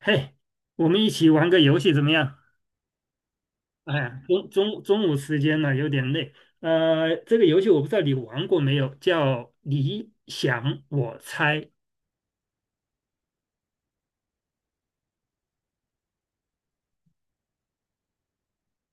嘿，我们一起玩个游戏怎么样？哎呀，中午时间了，有点累。这个游戏我不知道你玩过没有，叫你想我猜。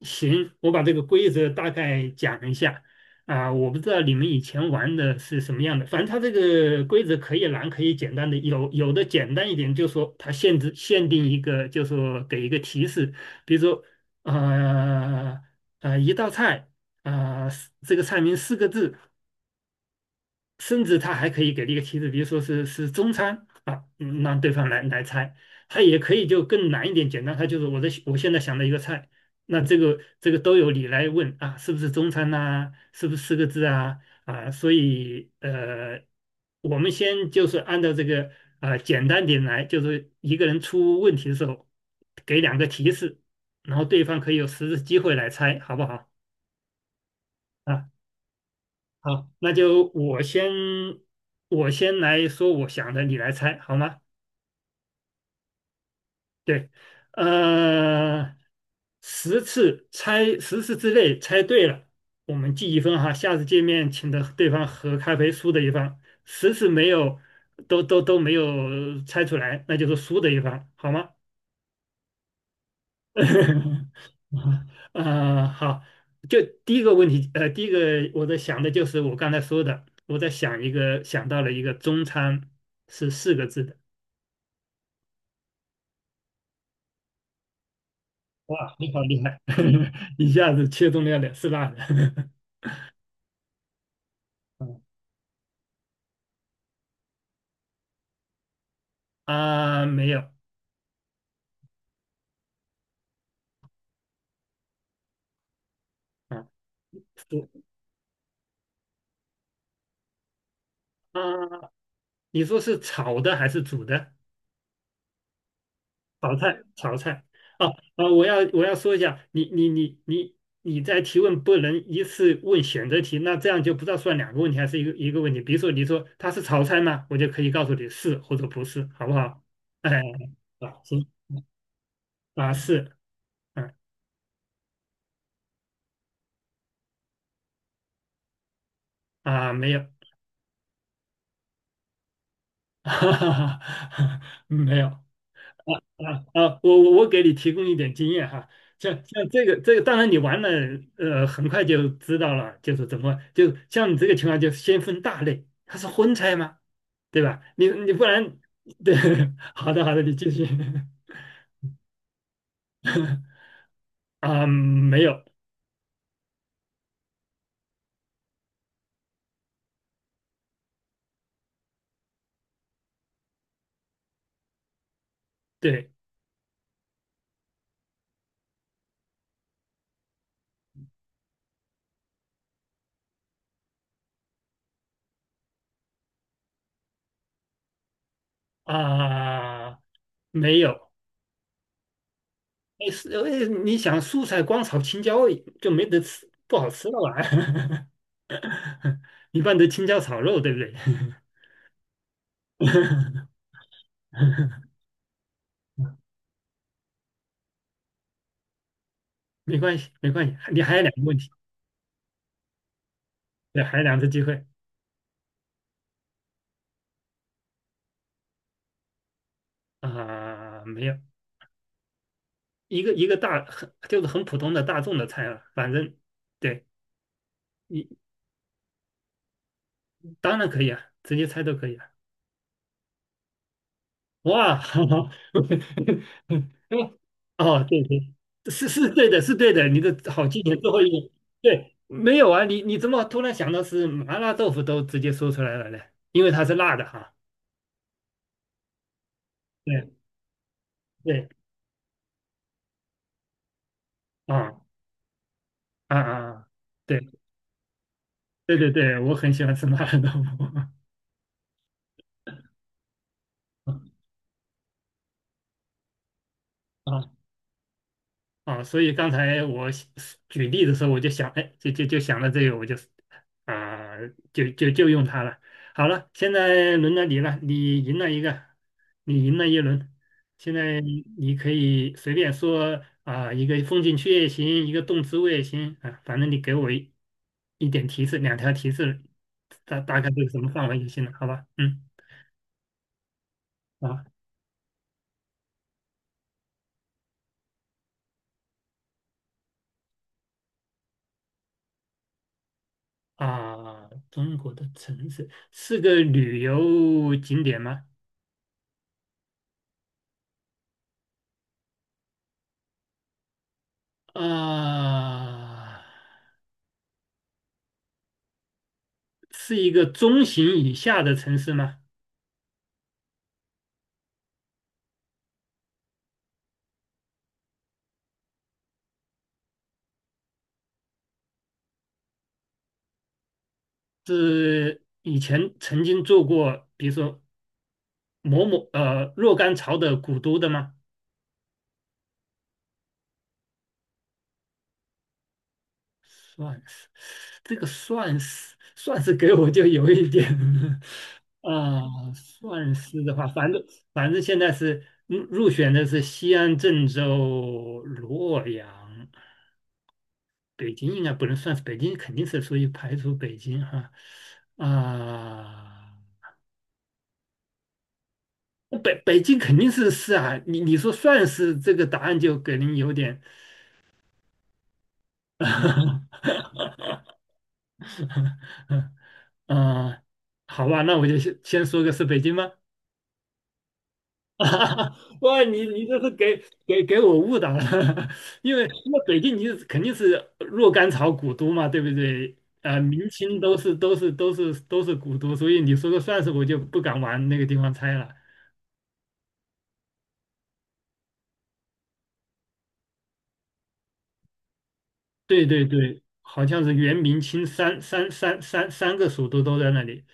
行，我把这个规则大概讲一下。我不知道你们以前玩的是什么样的，反正它这个规则可以难，可以简单的，有的简单一点，就说它限定一个，就说给一个提示。比如说呃一道菜，啊，这个菜名四个字。甚至他还可以给了一个提示，比如说是中餐啊，让对方来猜。他也可以就更难一点，简单，他就是我现在想的一个菜，那这个都有你来问啊，是不是中餐呐、是不是四个字啊？啊，所以我们先就是按照这个简单点来，就是一个人出问题的时候给两个提示，然后对方可以有实质机会来猜，好不好？啊？好，那就我先来说我想的，你来猜好吗？对，呃，十次之内猜对了，我们记1分哈。下次见面请的对方喝咖啡，输的一方；十次没有都没有猜出来，那就是输的一方，好吗？啊，好，就第一个问题。第一个我在想的就是我刚才说的，我在想一个，想到了一个中餐，是四个字的。哇，你好厉害，一下子切中了2次辣的。啊，没有。啊，是啊，你说是炒的还是煮的？炒菜，炒菜。哦哦，我要说一下，你在提问不能一次问选择题，那这样就不知道算两个问题还是一个问题。比如说你说它是炒菜吗？我就可以告诉你是或者不是，好不好？哎，啊，行啊，是，嗯啊，没有。哈哈哈，没有。啊啊，我给你提供一点经验哈，像这个，当然你玩了，很快就知道了。就是怎么就像你这个情况，就先分大类，它是荤菜吗？对吧？你不然。对，好的好的，你继续。 啊，没有。对啊，没有。哎是哎，你想素菜光炒青椒就没得吃，不好吃了吧？一般都青椒炒肉，对不对？没关系，没关系，你还有两个问题。对，还有两次机会。啊、没有。一个一个大很就是很普通的大众的菜了，反正。对，你当然可以啊，直接猜都可以啊。哇，哦，对对，是对的，是对的，你的好记性，最后一个。对，没有啊，你怎么突然想到是麻辣豆腐都直接说出来了呢？因为它是辣的哈。对对，啊啊啊，对对对对，我很喜欢吃麻辣豆腐。啊所以刚才我想举例的时候，我就想，哎，就想到这个，我就啊、用它了。好了，现在轮到你了，你赢了一个，你赢了一轮。现在你可以随便说啊、一个风景区也行，一个动植物也行啊，反正你给我一点提示，两条提示，大概这个什么范围就行了，好吧？嗯。啊中国的城市是个旅游景点吗？啊，是一个中型以下的城市吗？是以前曾经做过，比如说某某若干朝的古都的吗？算是，这个算是给我就有一点 啊，算是的话，反正现在是入选的是西安、郑州、洛阳、北京，应该不能算是北京，肯定是属于排除北京哈啊。北京肯定是啊，你说算是这个答案就给人有点，嗯，好吧，那我就先说个是北京吗？哇，你这是给我误导了。因为那北京你肯定是若干朝古都嘛，对不对？明清都是古都，所以你说个算是我就不敢往那个地方猜了。对对对，好像是元明清三个蜀都都在那里。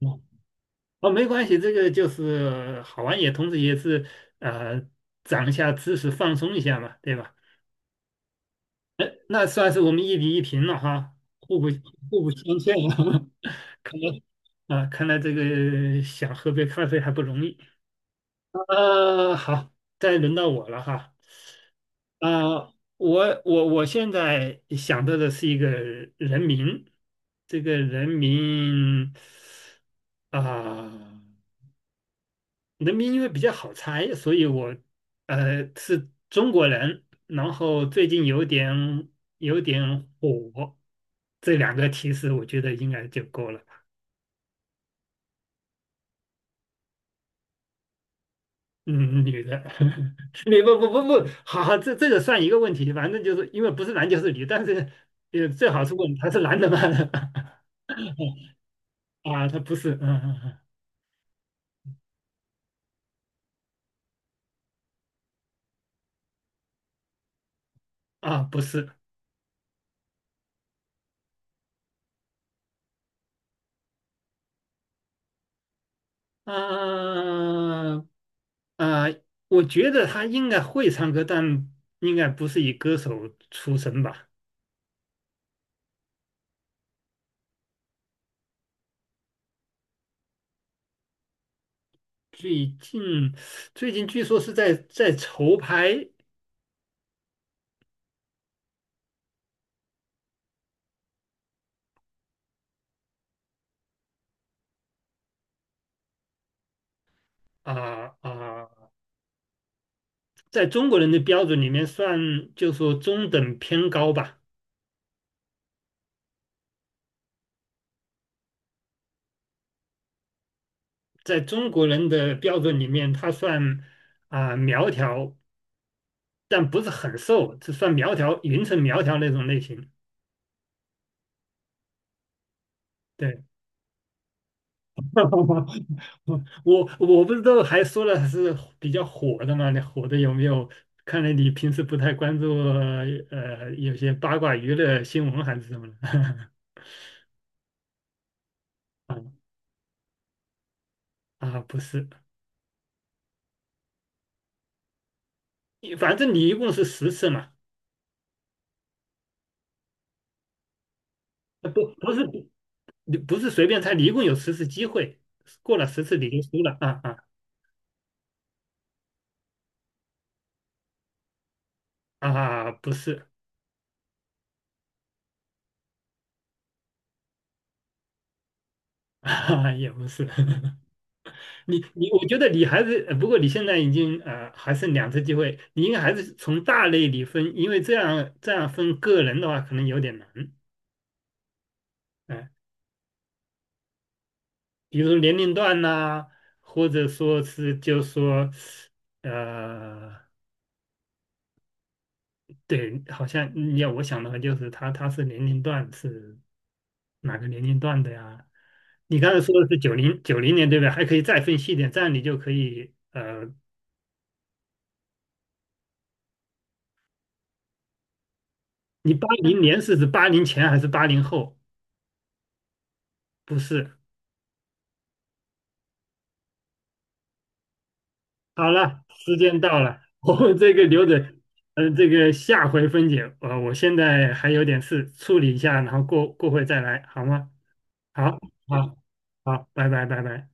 哦，哦没关系，这个就是好玩，也同时也是呃，长一下知识，放松一下嘛，对吧？那算是我们1比1平了哈，互不互不相欠了。看来看来这个想喝杯咖啡还不容易。好，再轮到我了哈。我现在想到的是一个人名，这个人名啊。人民因为比较好猜，所以我是中国人，然后最近有点火。这两个提示我觉得应该就够了。嗯，女的。你不，好好，这个算一个问题，反正就是因为不是男就是女，但是也最好是问他是男的吗？啊，他不是，啊，不是。啊啊，我觉得他应该会唱歌，但应该不是以歌手出身吧。最近最近据说是在筹拍。啊啊，在中国人的标准里面算，就说中等偏高吧。在中国人的标准里面，他算苗条，但不是很瘦，只算苗条，匀称苗条那种类型。对，我不知道还说了是比较火的嘛，那火的有没有？看来你平时不太关注有些八卦娱乐新闻还是什么的。啊，不是。反正你一共是十次嘛。不是你不是随便猜，你一共有10次机会，过了十次你就输了啊，不是。啊，也不是。我觉得你还是，不过你现在已经还剩两次机会，你应该还是从大类里分，因为这样分个人的话可能有点难。嗯、比如说年龄段呐、或者说是就说，呃，对，好像你要我想的话就是他是年龄段是哪个年龄段的呀？你刚才说的是九零年对不对？还可以再分细一点，这样你就可以你80年是指80前还是80后？不是。好了，时间到了，我们这个留着。这个下回分解。我现在还有点事处理一下，然后过会再来，好吗？好，好，好，拜拜，拜拜。